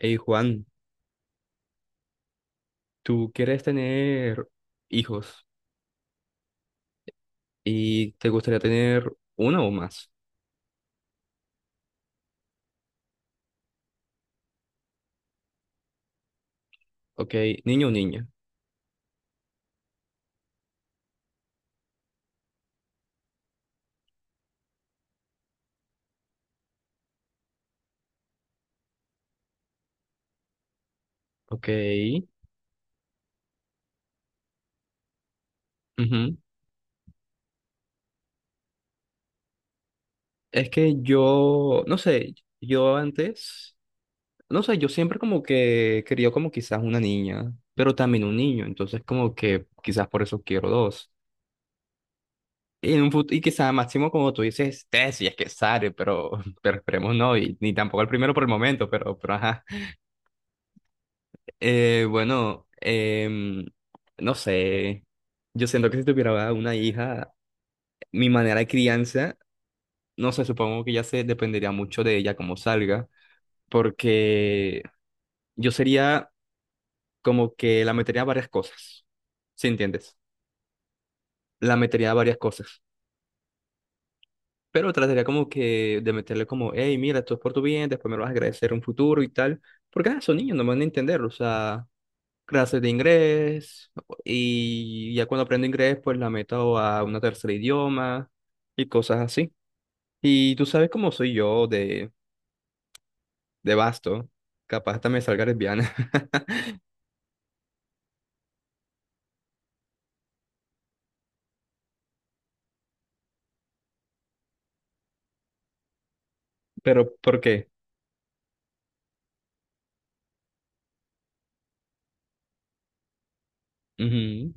Hey Juan, ¿tú quieres tener hijos y te gustaría tener uno o más? Ok, niño o niña. Ok. Ujú. Es que yo, no sé, yo antes, no sé, yo siempre como que quería como quizás una niña, pero también un niño, entonces como que quizás por eso quiero dos. Y, y quizás máximo como tú dices, tres, si es que sale, pero, pero esperemos no, y ni tampoco el primero por el momento, pero ajá. Eh, bueno, em, no sé. Yo siento que si tuviera una hija, mi manera de crianza, no sé, supongo que ya se dependería mucho de ella como salga, porque yo sería como que la metería a varias cosas, ¿sí entiendes? La metería a varias cosas, pero trataría como que de meterle como, hey, mira, esto es por tu bien, después me lo vas a agradecer en un futuro y tal, porque son niños, no van a entender, o sea, clases de inglés y ya cuando aprendo inglés pues la meto a una tercera idioma y cosas así. Y tú sabes cómo soy yo de vasto, capaz hasta me salga lesbiana, pero ¿por qué? Ujú.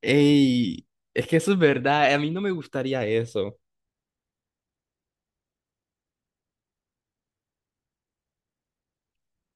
Ey, es que eso es verdad, a mí no me gustaría eso.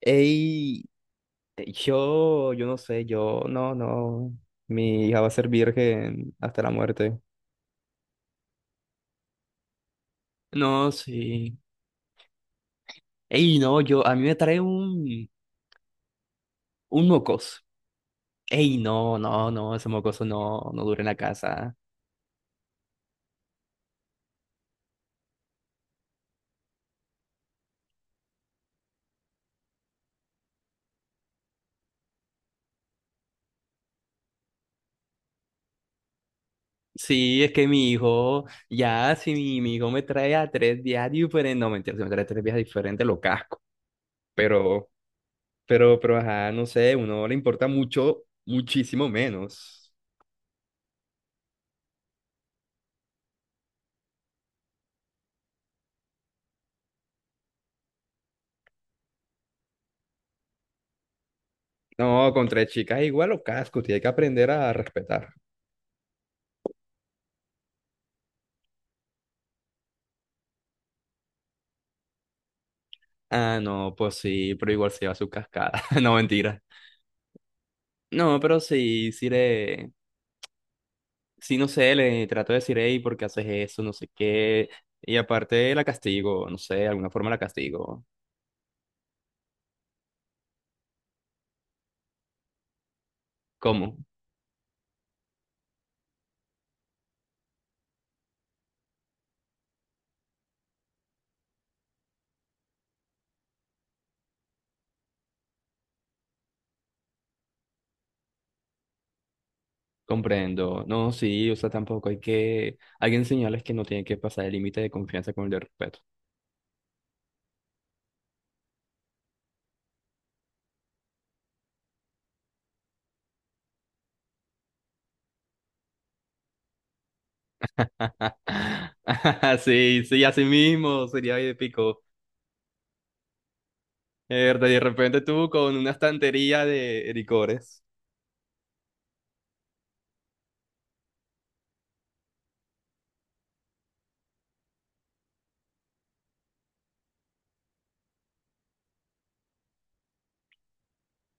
Ey, yo no sé, yo, no, no, mi hija va a ser virgen hasta la muerte. No, sí. Ey, no, yo, a mí me trae un mocos. Ey, no, no, no, ese mocoso no, no dura en la casa. Sí, es que mi hijo, ya, si mi hijo me trae a tres días diferentes, no, mentira, si me trae tres días diferentes, lo casco. Pero, pero, ajá, no sé, uno le importa mucho, muchísimo menos. No, con tres chicas igual lo casco, tiene que aprender a respetar. Ah, no, pues sí, pero igual se lleva su cascada. No, mentira. No, pero sí, sí le, sí, no sé, le trato de decir, hey, ¿por qué haces eso? No sé qué. Y aparte la castigo, no sé, de alguna forma la castigo. ¿Cómo? Comprendo. No, sí, o sea, tampoco hay que... Hay que enseñarles que no tiene que pasar el límite de confianza con el de respeto. Sí, sí, así mismo sería épico. De repente tú con una estantería de licores.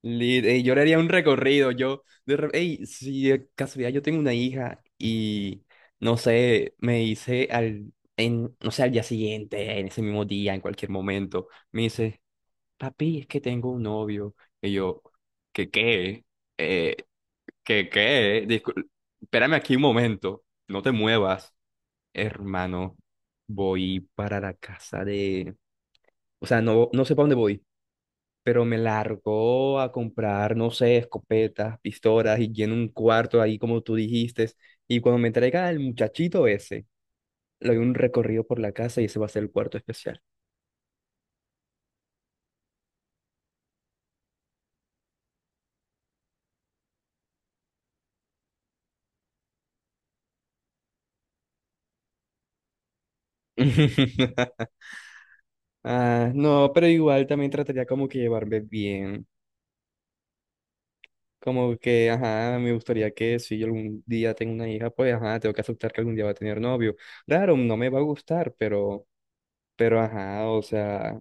Lit, ey, yo le haría un recorrido, ey, si de casualidad yo tengo una hija y, no sé, me dice al, en, no sé, al día siguiente, en ese mismo día, en cualquier momento, me dice, papi, es que tengo un novio, y yo, ¿qué qué? Eh, ¿Qué qué? Espérame aquí un momento, no te muevas, hermano, voy para la casa de, o sea, no, no sé para dónde voy pero me largó a comprar, no sé, escopetas, pistolas y lleno un cuarto ahí como tú dijiste. Y cuando me traiga el muchachito ese, le doy un recorrido por la casa y ese va a ser el cuarto especial. Ah, no, pero igual también trataría como que llevarme bien. Como que, ajá, me gustaría que si yo algún día tengo una hija, pues, ajá, tengo que aceptar que algún día va a tener novio. Claro, no me va a gustar, pero, ajá, o sea,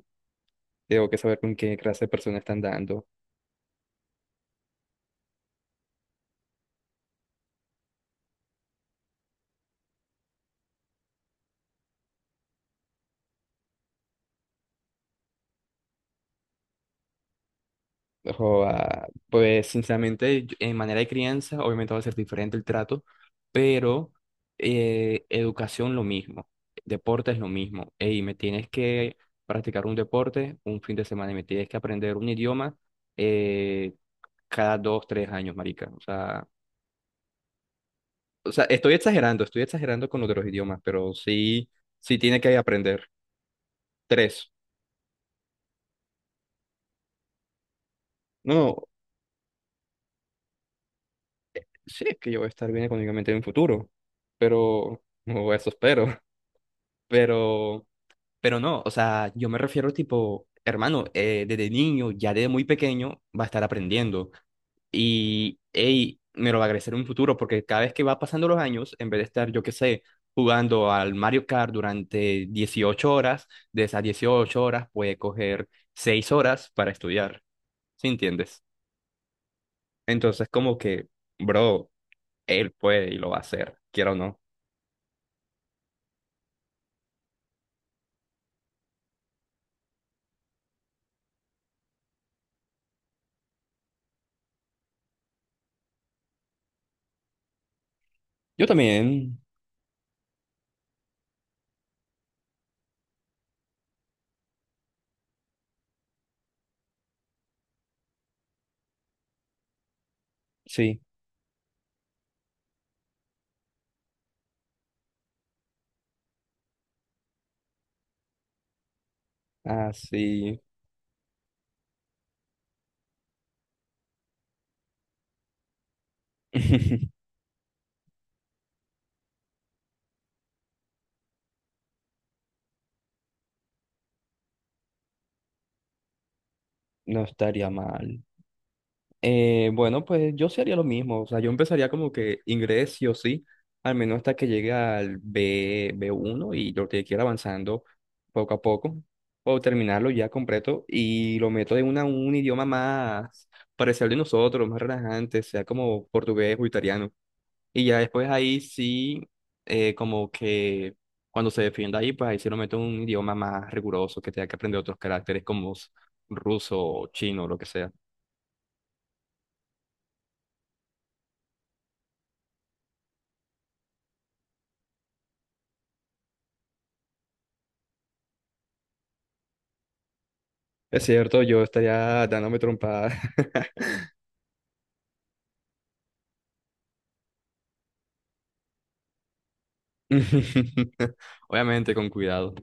tengo que saber con qué clase de persona están dando. Joa, pues sinceramente, en manera de crianza, obviamente va a ser diferente el trato, pero educación lo mismo, deporte es lo mismo. Ey, me tienes que practicar un deporte un fin de semana y me tienes que aprender un idioma eh, cada dos, tres años, marica. O sea, estoy exagerando con lo de los idiomas, pero sí, sí tiene que aprender tres. No, no, sí es que yo voy a estar bien económicamente en un futuro, pero o eso espero. Pero, pero no, o sea, yo me refiero tipo, hermano, desde niño, ya desde muy pequeño, va a estar aprendiendo. Y, ey, me lo va a agradecer en un futuro, porque cada vez que va pasando los años, en vez de estar, yo qué sé, jugando al Mario Kart durante 18 horas, de esas 18 horas puede coger 6 horas para estudiar, ¿sí entiendes? Entonces, como que, bro, él puede y lo va a hacer, quiero o no. Yo también, sí, así. No estaría mal. Bueno, pues yo sí haría lo mismo. O sea, yo empezaría como que inglés sí o sí, al menos hasta que llegue al B1 y lo que quiera avanzando poco a poco. O terminarlo ya completo y lo meto en un idioma más parecido al de nosotros, más relajante, sea como portugués o italiano. Y ya después ahí sí, como que cuando se defienda ahí, pues ahí sí lo meto en un idioma más riguroso, que tenga que aprender otros caracteres como ruso o chino o lo que sea. Es cierto, yo estaría dándome trompadas. Obviamente con cuidado.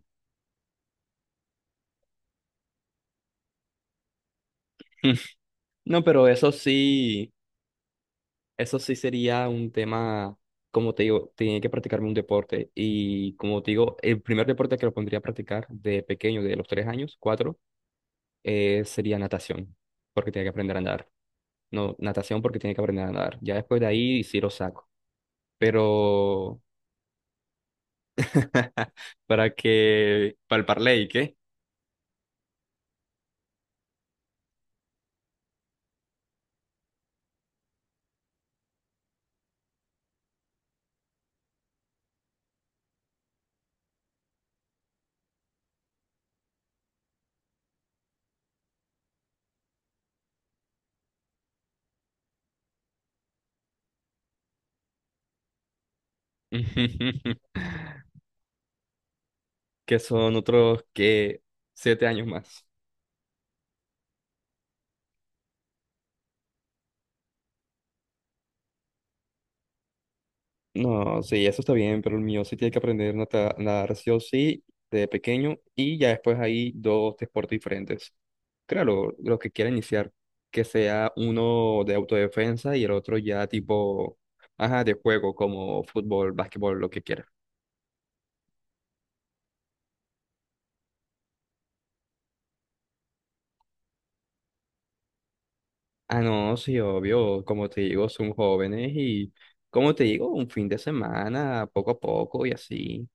No, pero eso sí sería un tema, como te digo, tenía que practicarme un deporte y como te digo, el primer deporte que lo pondría a practicar de pequeño, de los 3 años, cuatro, sería natación, porque tenía que aprender a nadar. No, natación porque tiene que aprender a nadar. Ya después de ahí sí lo saco. Pero para que, para el parley, ¿qué? Que son otros que 7 años más. No, sí, eso está bien, pero el mío sí tiene que aprender nadar sí o sí de pequeño y ya después hay dos deportes diferentes. Claro, los que quiera iniciar, que sea uno de autodefensa y el otro ya tipo, ajá, de juego, como fútbol, básquetbol, lo que quiera. Ah, no, sí, obvio, como te digo, son jóvenes y, como te digo, un fin de semana, poco a poco y así.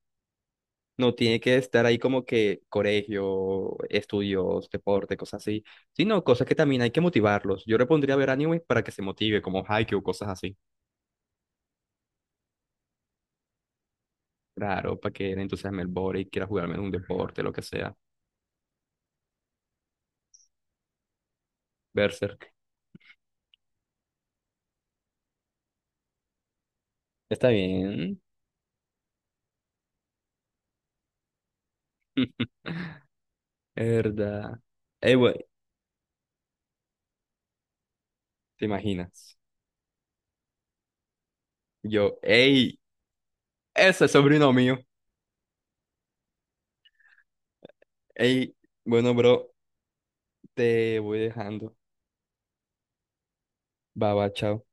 No tiene que estar ahí como que colegio, estudios, deporte, cosas así, sino cosas que también hay que motivarlos. Yo le pondría a ver anime para que se motive, como Haikyuu, cosas así. Claro, para que le entusiasme el body, quiera jugarme en un deporte, lo que sea. Berserk. Está bien. Verdad. Ey, güey, ¿te imaginas? Yo, ey, ese es sobrino mío. Ey, bueno, bro, te voy dejando. Baba, chao.